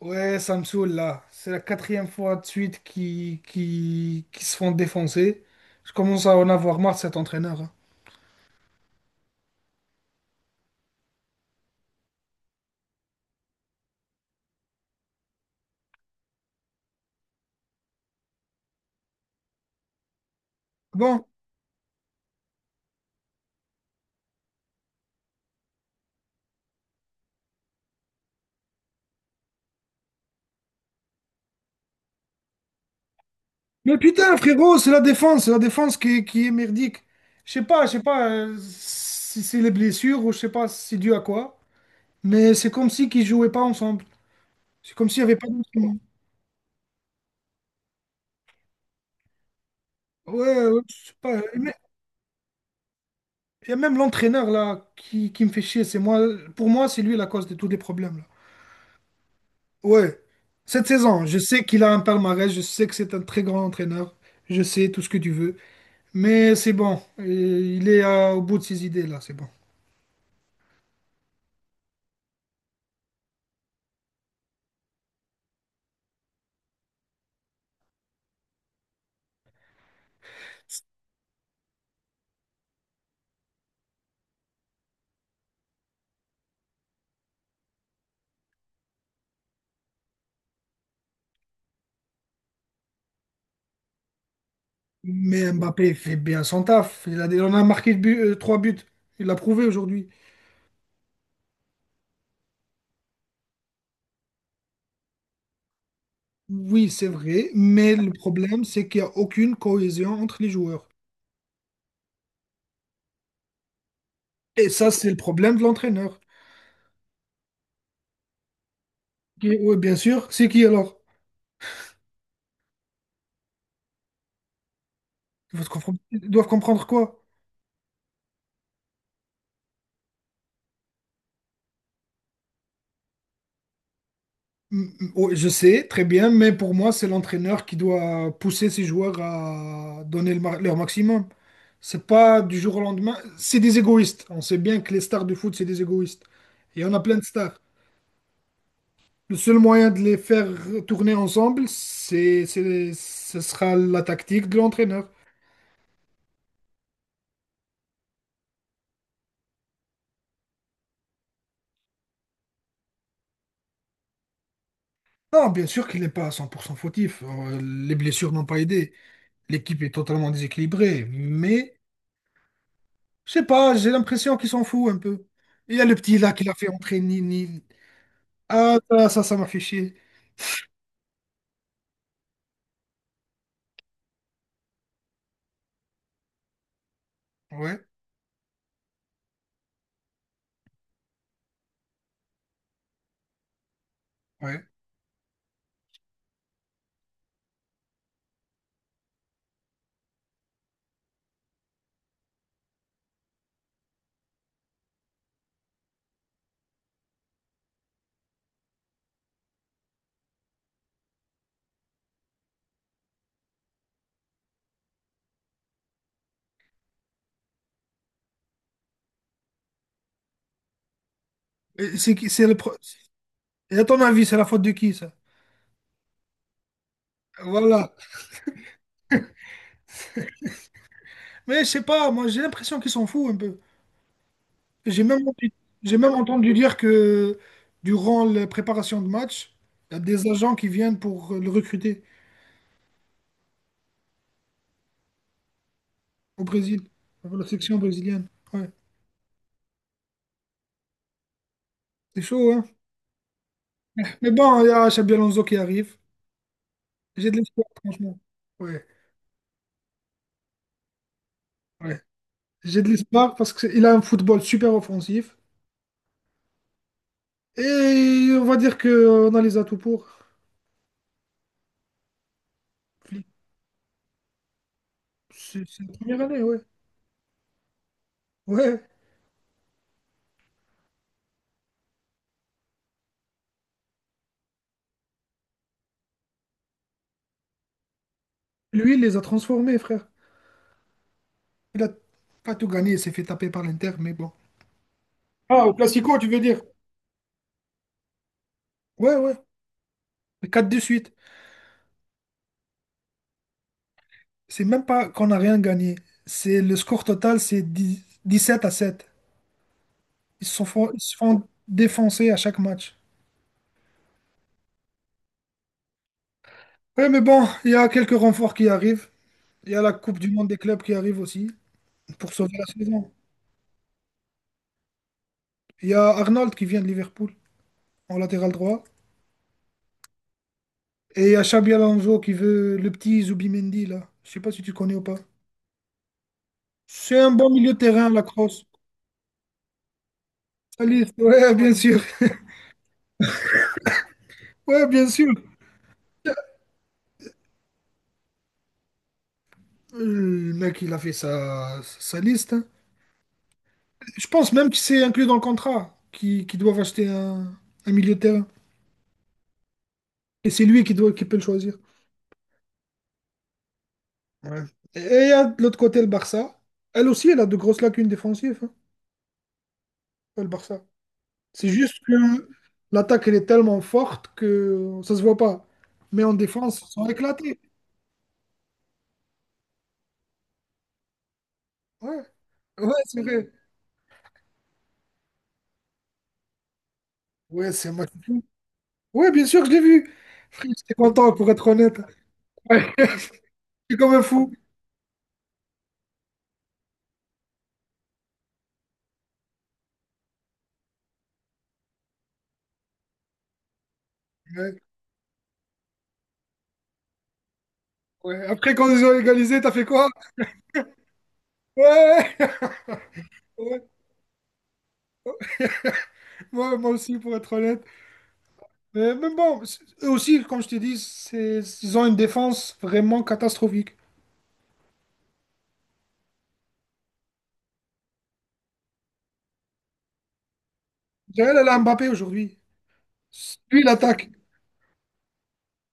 Ouais, Samsoul, là, c'est la quatrième fois de suite qui se font défoncer. Je commence à en avoir marre de cet entraîneur, hein. Bon. Mais putain, frérot, c'est la défense qui est merdique. Je sais pas, si c'est les blessures ou je sais pas si c'est dû à quoi. Mais c'est comme si qu'ils jouaient pas ensemble. C'est comme s'il y avait pas d'entraînement. Ouais, ouais, je sais pas. Il y a même l'entraîneur là qui me fait chier. Pour moi, c'est lui la cause de tous les problèmes là. Ouais, cette saison, je sais qu'il a un palmarès, je sais que c'est un très grand entraîneur, je sais tout ce que tu veux, mais c'est bon, il est au bout de ses idées là, c'est bon. Mais Mbappé fait bien son taf, il en a marqué trois buts, il l'a prouvé aujourd'hui. Oui, c'est vrai, mais le problème, c'est qu'il n'y a aucune cohésion entre les joueurs. Et ça, c'est le problème de l'entraîneur. Oui, bien sûr, c'est qui alors? Ils doivent comprendre quoi? Mm, mm, oui, je sais, très bien, mais pour moi, c'est l'entraîneur qui doit pousser ses joueurs à donner leur maximum. C'est pas du jour au lendemain. C'est des égoïstes. On sait bien que les stars du foot, c'est des égoïstes. Et on a plein de stars. Le seul moyen de les faire tourner ensemble, ce sera la tactique de l'entraîneur. Non, bien sûr qu'il n'est pas à 100% fautif. Les blessures n'ont pas aidé. L'équipe est totalement déséquilibrée. Mais je sais pas, j'ai l'impression qu'il s'en fout un peu. Il y a le petit là qui l'a fait entrer, Nil, Nil. Ah, ça m'a fait chier. Ouais, ouais. Et c'est qui, c'est le pro... Et à ton avis, c'est la faute de qui, ça? Voilà. Mais je sais pas, moi, j'ai l'impression qu'ils s'en fout un peu. J'ai même entendu, j'ai même entendu dire que durant la préparation de match, il y a des agents qui viennent pour le recruter au Brésil, pour la section brésilienne. Ouais, c'est chaud, hein? Mais bon, il y a Xabi Alonso qui arrive. J'ai de l'espoir, franchement. Ouais, ouais. J'ai de l'espoir parce qu'il a un football super offensif. Et on va dire qu'on a les atouts pour. Flick, c'est la première année, ouais. Ouais. Lui, il les a transformés, frère. Il a pas tout gagné, il s'est fait taper par l'Inter, mais bon. Ah, au Classico, tu veux dire? Ouais, ouais, 4 de suite. C'est même pas qu'on n'a rien gagné. C'est le score total, c'est 10, 17-7. Ils se font défoncer à chaque match. Ouais, mais bon, il y a quelques renforts qui arrivent. Il y a la Coupe du Monde des clubs qui arrive aussi pour sauver la saison. Il y a Arnold qui vient de Liverpool en latéral droit. Et il y a Xabi Alonso qui veut le petit Zubimendi là. Je sais pas si tu connais ou pas. C'est un bon milieu de terrain, la crosse. Salis, ouais, bien sûr. Ouais, bien sûr. Euh, Le mec, il a fait sa liste, hein. Je pense même que c'est inclus dans le contrat qu'ils doivent acheter un milieu de terrain. Et c'est lui qui peut le choisir. Ouais. Et il y a de l'autre côté le Barça. Elle aussi, elle a de grosses lacunes défensives, hein, le Barça. C'est juste que l'attaque, elle est tellement forte que ça se voit pas. Mais en défense, ils sont éclatés. Ouais, ouais, c'est vrai. Ouais, c'est un match de fou. Ouais, bien sûr que je l'ai vu. Frère, j'étais content, pour être honnête. Ouais, j'étais comme un fou. Ouais, ouais. Après, quand ils ont égalisé, t'as fait quoi? Ouais, ouais. Moi, moi aussi, pour être honnête. Mais bon, eux aussi, comme je t'ai dit, ils ont une défense vraiment catastrophique. D'ailleurs, elle a Mbappé aujourd'hui. Lui, il attaque.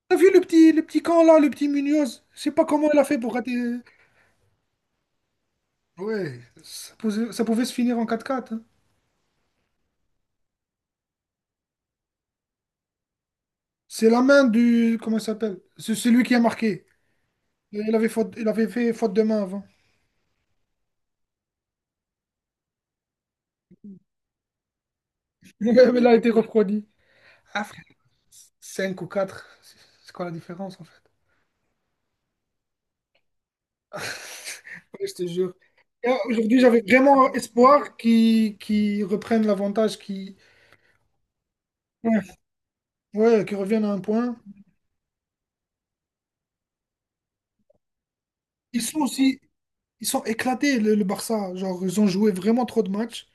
T'as vu le petit camp là, le petit Munoz? Je sais pas comment il a fait pour rater. Ouais, ça pouvait se finir en 4-4, hein. C'est la main du. Comment il s'appelle? C'est lui qui a marqué. Il avait fait faute de main avant. Mais il a été refroidi. Ah frère, 5 ou quatre, c'est quoi la différence en fait? Ouais, je te jure. Et aujourd'hui, j'avais vraiment espoir qu'ils reprennent l'avantage, qu'ils ouais, ouais, qu'ils reviennent à un point. Ils sont aussi, Ils sont éclatés, le Barça. Genre, ils ont joué vraiment trop de matchs.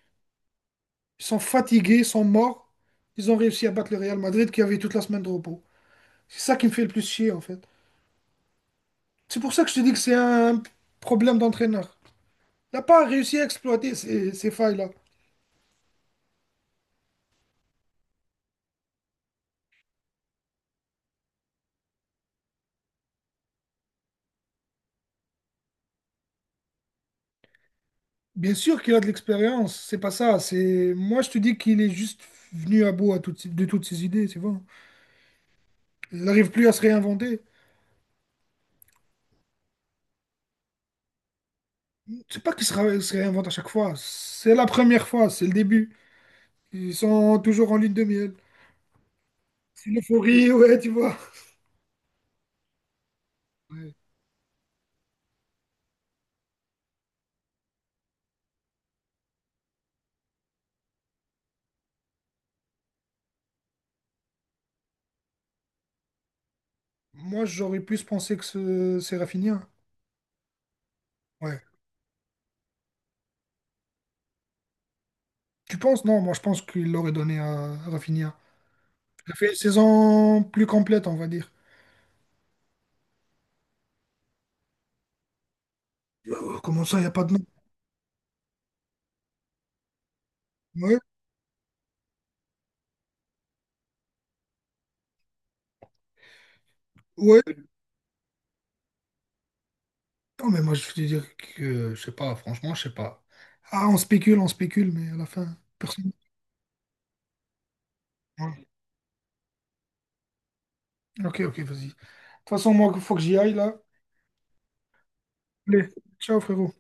Ils sont fatigués, ils sont morts. Ils ont réussi à battre le Real Madrid qui avait toute la semaine de repos. C'est ça qui me fait le plus chier, en fait. C'est pour ça que je te dis que c'est un problème d'entraîneur. Il n'a pas réussi à exploiter ces failles-là. Bien sûr qu'il a de l'expérience, c'est pas ça. C'est Moi, je te dis qu'il est juste venu à bout à de toutes ses idées, c'est bon. Il n'arrive plus à se réinventer. C'est pas qu'il se réinvente à chaque fois. C'est la première fois, c'est le début. Ils sont toujours en lune de miel. C'est l'euphorie, ouais, tu vois. Ouais. Moi, j'aurais plus pensé que c'est Rafinha. Ouais. Tu penses? Non, moi, je pense qu'il l'aurait donné à Rafinha. Il a fait une saison plus complète, on va dire. Comment ça, il n'y a pas de nom? Ouais, ouais. Non, mais moi, je veux dire que, je sais pas, franchement, je sais pas. Ah, on spécule, mais à la fin, personne. Ouais. Ok, ok, vas-y. De toute façon, moi, il faut que j'y aille, là. Allez, ciao, frérot.